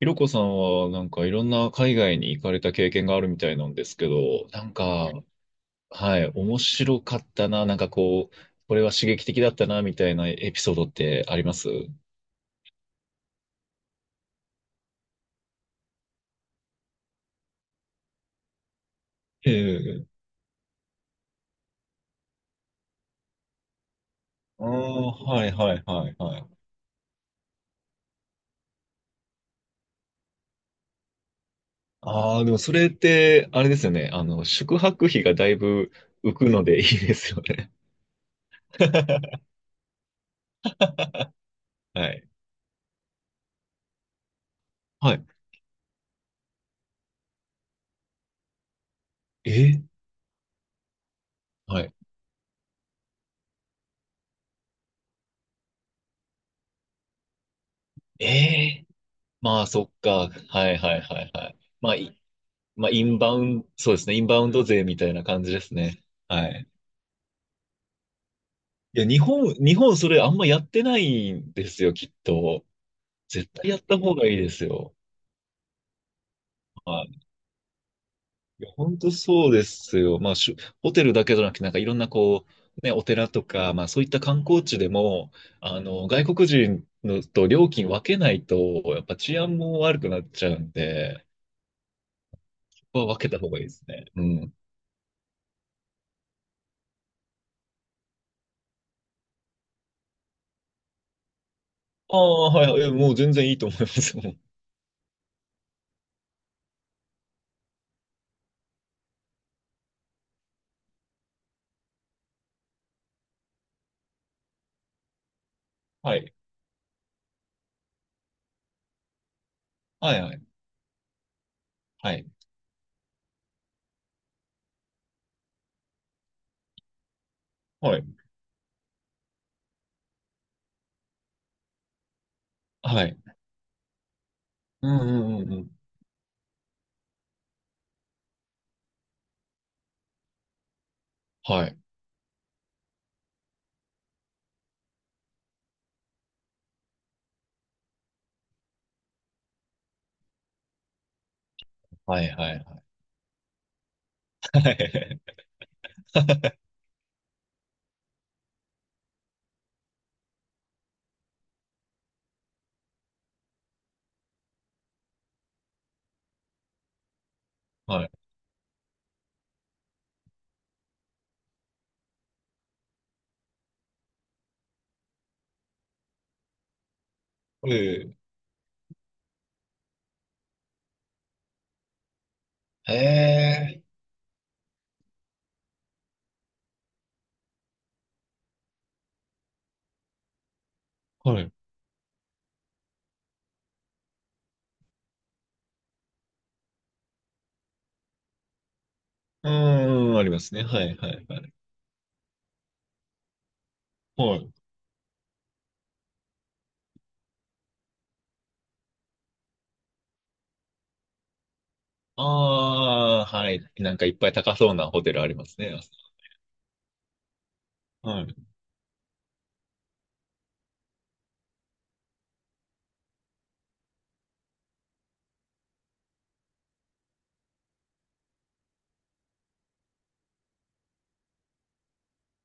ひろこさんは、なんかいろんな海外に行かれた経験があるみたいなんですけど、なんか、はい、面白かったな、なんかこう、これは刺激的だったな、みたいなエピソードってあります？ええ。ああ、はいはいはいはい。ああ、でもそれって、あれですよね。あの、宿泊費がだいぶ浮くのでいいですよね。はい。はい。えーはい。ええ、まあ、そっか。はいはいはいはい。まあ、い、まあ、インバウンド、そうですね、インバウンド税みたいな感じですね。はい。いや、日本、日本それあんまやってないんですよ、きっと。絶対やった方がいいですよ。はい。いや、本当そうですよ。まあ、ホテルだけじゃなくて、なんかいろんなこう、ね、お寺とか、まあそういった観光地でも、あの、外国人のと料金分けないと、やっぱ治安も悪くなっちゃうんで、ここは分けた方がいいですね。うん。ああ、はい、はい、いやもう全然いいと思います。はい。はい、はい、はい。はい。はい。うんうんうんうん。はい。はいはいはい。はい。うん。へえ。はい。うんうん、ありますね。はいはいはい。はい。ああ、はい。なんかいっぱい高そうなホテルありますね。はい。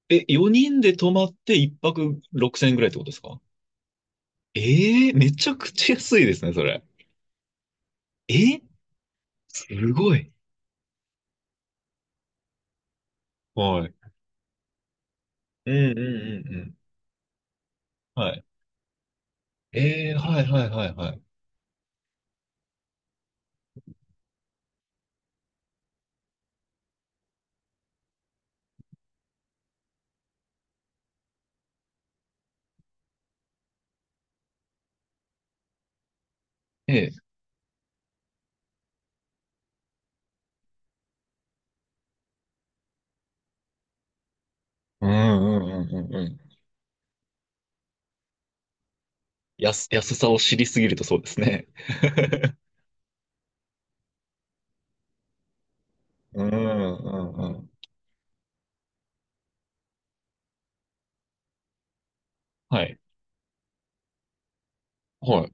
え、4人で泊まって1泊6000円ぐらいってことですか？ええ、めちゃくちゃ安いですね、それ。え、すごい。はい。うんうんうんうん。はい。ええ、はいはいはいはい。ええ。うんうんうんうん、安さを知りすぎるとそうですね。うん、うん、うん。はい。はい。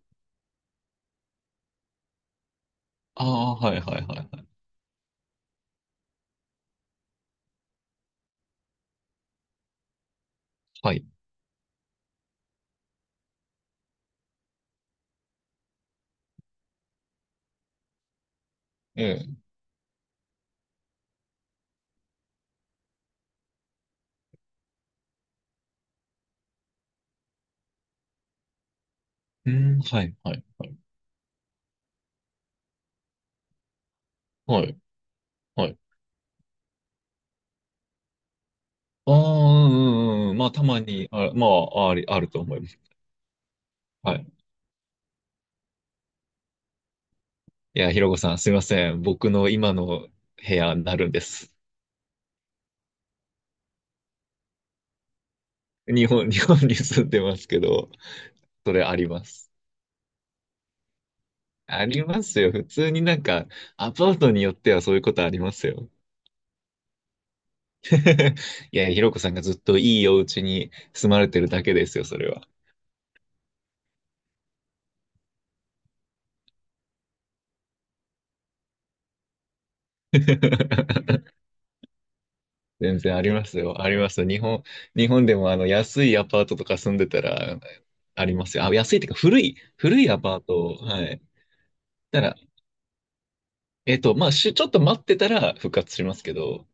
ああ、はい、はい、はい、はい。はい。ええ。うん、はい、はい、はい。はい、はい。ああ、うん、うん、うん。まあ、たまに、あ、まあ、あると思います。はい。いや、ひろこさん、すいません。僕の今の部屋になるんです。日本、日本に住んでますけど、それあります。ありますよ。普通になんか、アパートによってはそういうことありますよ。いや、ひろこさんがずっといいお家に住まれてるだけですよ、それは。全然ありますよ。あります。日本、日本でもあの安いアパートとか住んでたらありますよ。あ、安いっていうか古いアパート。はい。たら、えっと、まあ、ちょっと待ってたら復活しますけど、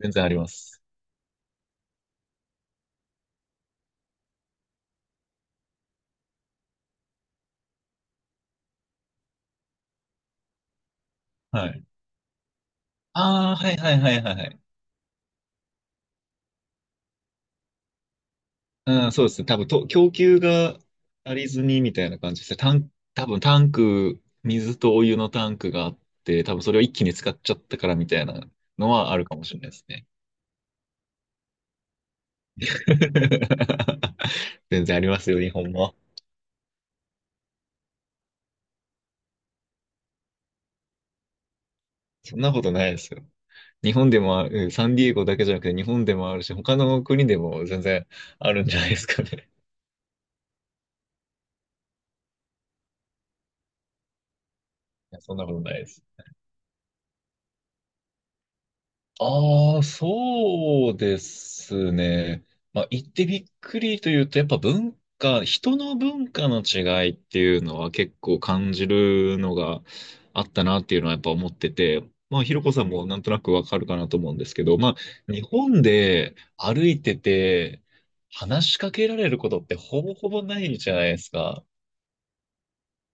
全然あります。はい。ああ、はいはいはいはいはい。うん、そうですね。多分供給が足りずにみたいな感じですね。多分タンク、水とお湯のタンクがあって、多分それを一気に使っちゃったからみたいなのはあるかもしれないですね。全然ありますよ、日本も。そんなことないですよ。日本でもある、うん、サンディエゴだけじゃなくて日本でもあるし、他の国でも全然あるんじゃないですかね。いや、そんなことないです。ああ、そうですね。まあ、言ってびっくりというと、やっぱ文化、人の文化の違いっていうのは結構感じるのがあったなっていうのはやっぱ思ってて、まあ、ひろこさんもなんとなくわかるかなと思うんですけど、まあ、日本で歩いてて話しかけられることってほぼほぼないじゃないですか。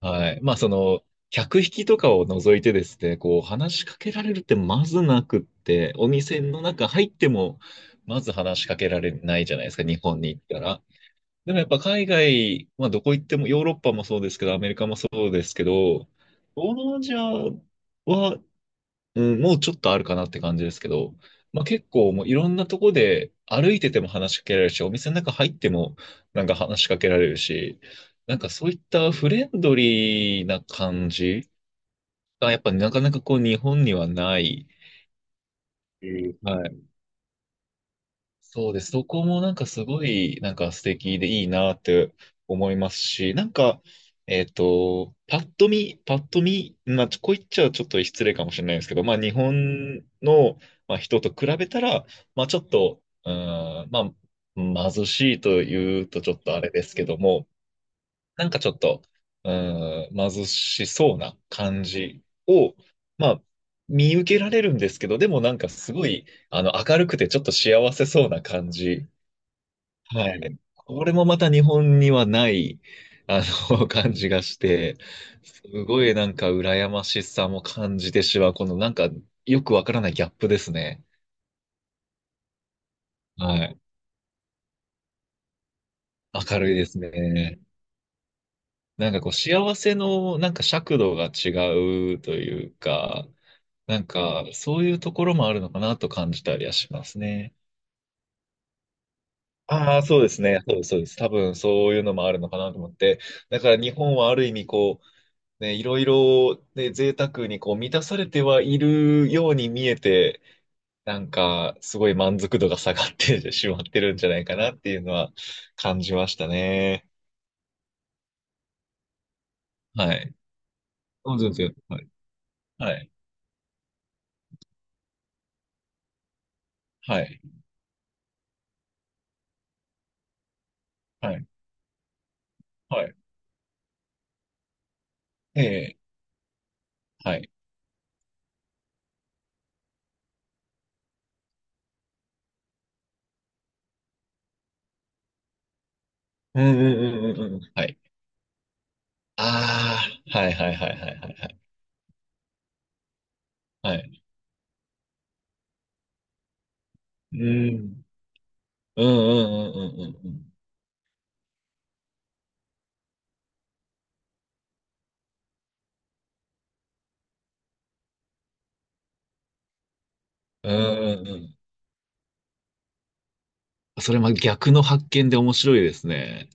はい。まあ、その、客引きとかを除いてですね、こう、話しかけられるってまずなくって、お店の中入っても、まず話しかけられないじゃないですか、日本に行ったら。でもやっぱ海外、まあ、どこ行っても、ヨーロッパもそうですけど、アメリカもそうですけど、東南アジアは、うん、もうちょっとあるかなって感じですけど、まあ、結構もういろんなとこで歩いてても話しかけられるし、お店の中入ってもなんか話しかけられるし、なんかそういったフレンドリーな感じがやっぱなかなかこう日本にはない、うん、はい、そうです。そこもなんかすごい、なんか素敵でいいなって思いますし、なんか、えっと、パッと見、まあ、こう言っちゃちょっと失礼かもしれないですけど、まあ、日本の、まあ、人と比べたら、まあ、ちょっと、うーん、まあ、貧しいというとちょっとあれですけども、なんかちょっと、うーん、貧しそうな感じを、まあ、見受けられるんですけど、でもなんかすごい、あの、明るくてちょっと幸せそうな感じ。はい。これもまた日本にはない、あの、感じがして、すごいなんか羨ましさも感じてしまう、このなんかよくわからないギャップですね。はい。明るいですね。なんかこう幸せのなんか尺度が違うというか、なんか、そういうところもあるのかなと感じたりはしますね。ああ、そうですね。そうです、そうです。多分そういうのもあるのかなと思って。だから日本はある意味こう、ね、いろいろ、ね、贅沢にこう満たされてはいるように見えて、なんかすごい満足度が下がってしまってるんじゃないかなっていうのは感じましたね。はい。そうですよ。はい。はい。はい。はい。はい。ええ。はい。うんうんうんうんうん。はい。ああ、はいはいはいはいはい。はい、うん。うんうんうんうんうんうん。うんうんうん。それま逆の発見で面白いですね。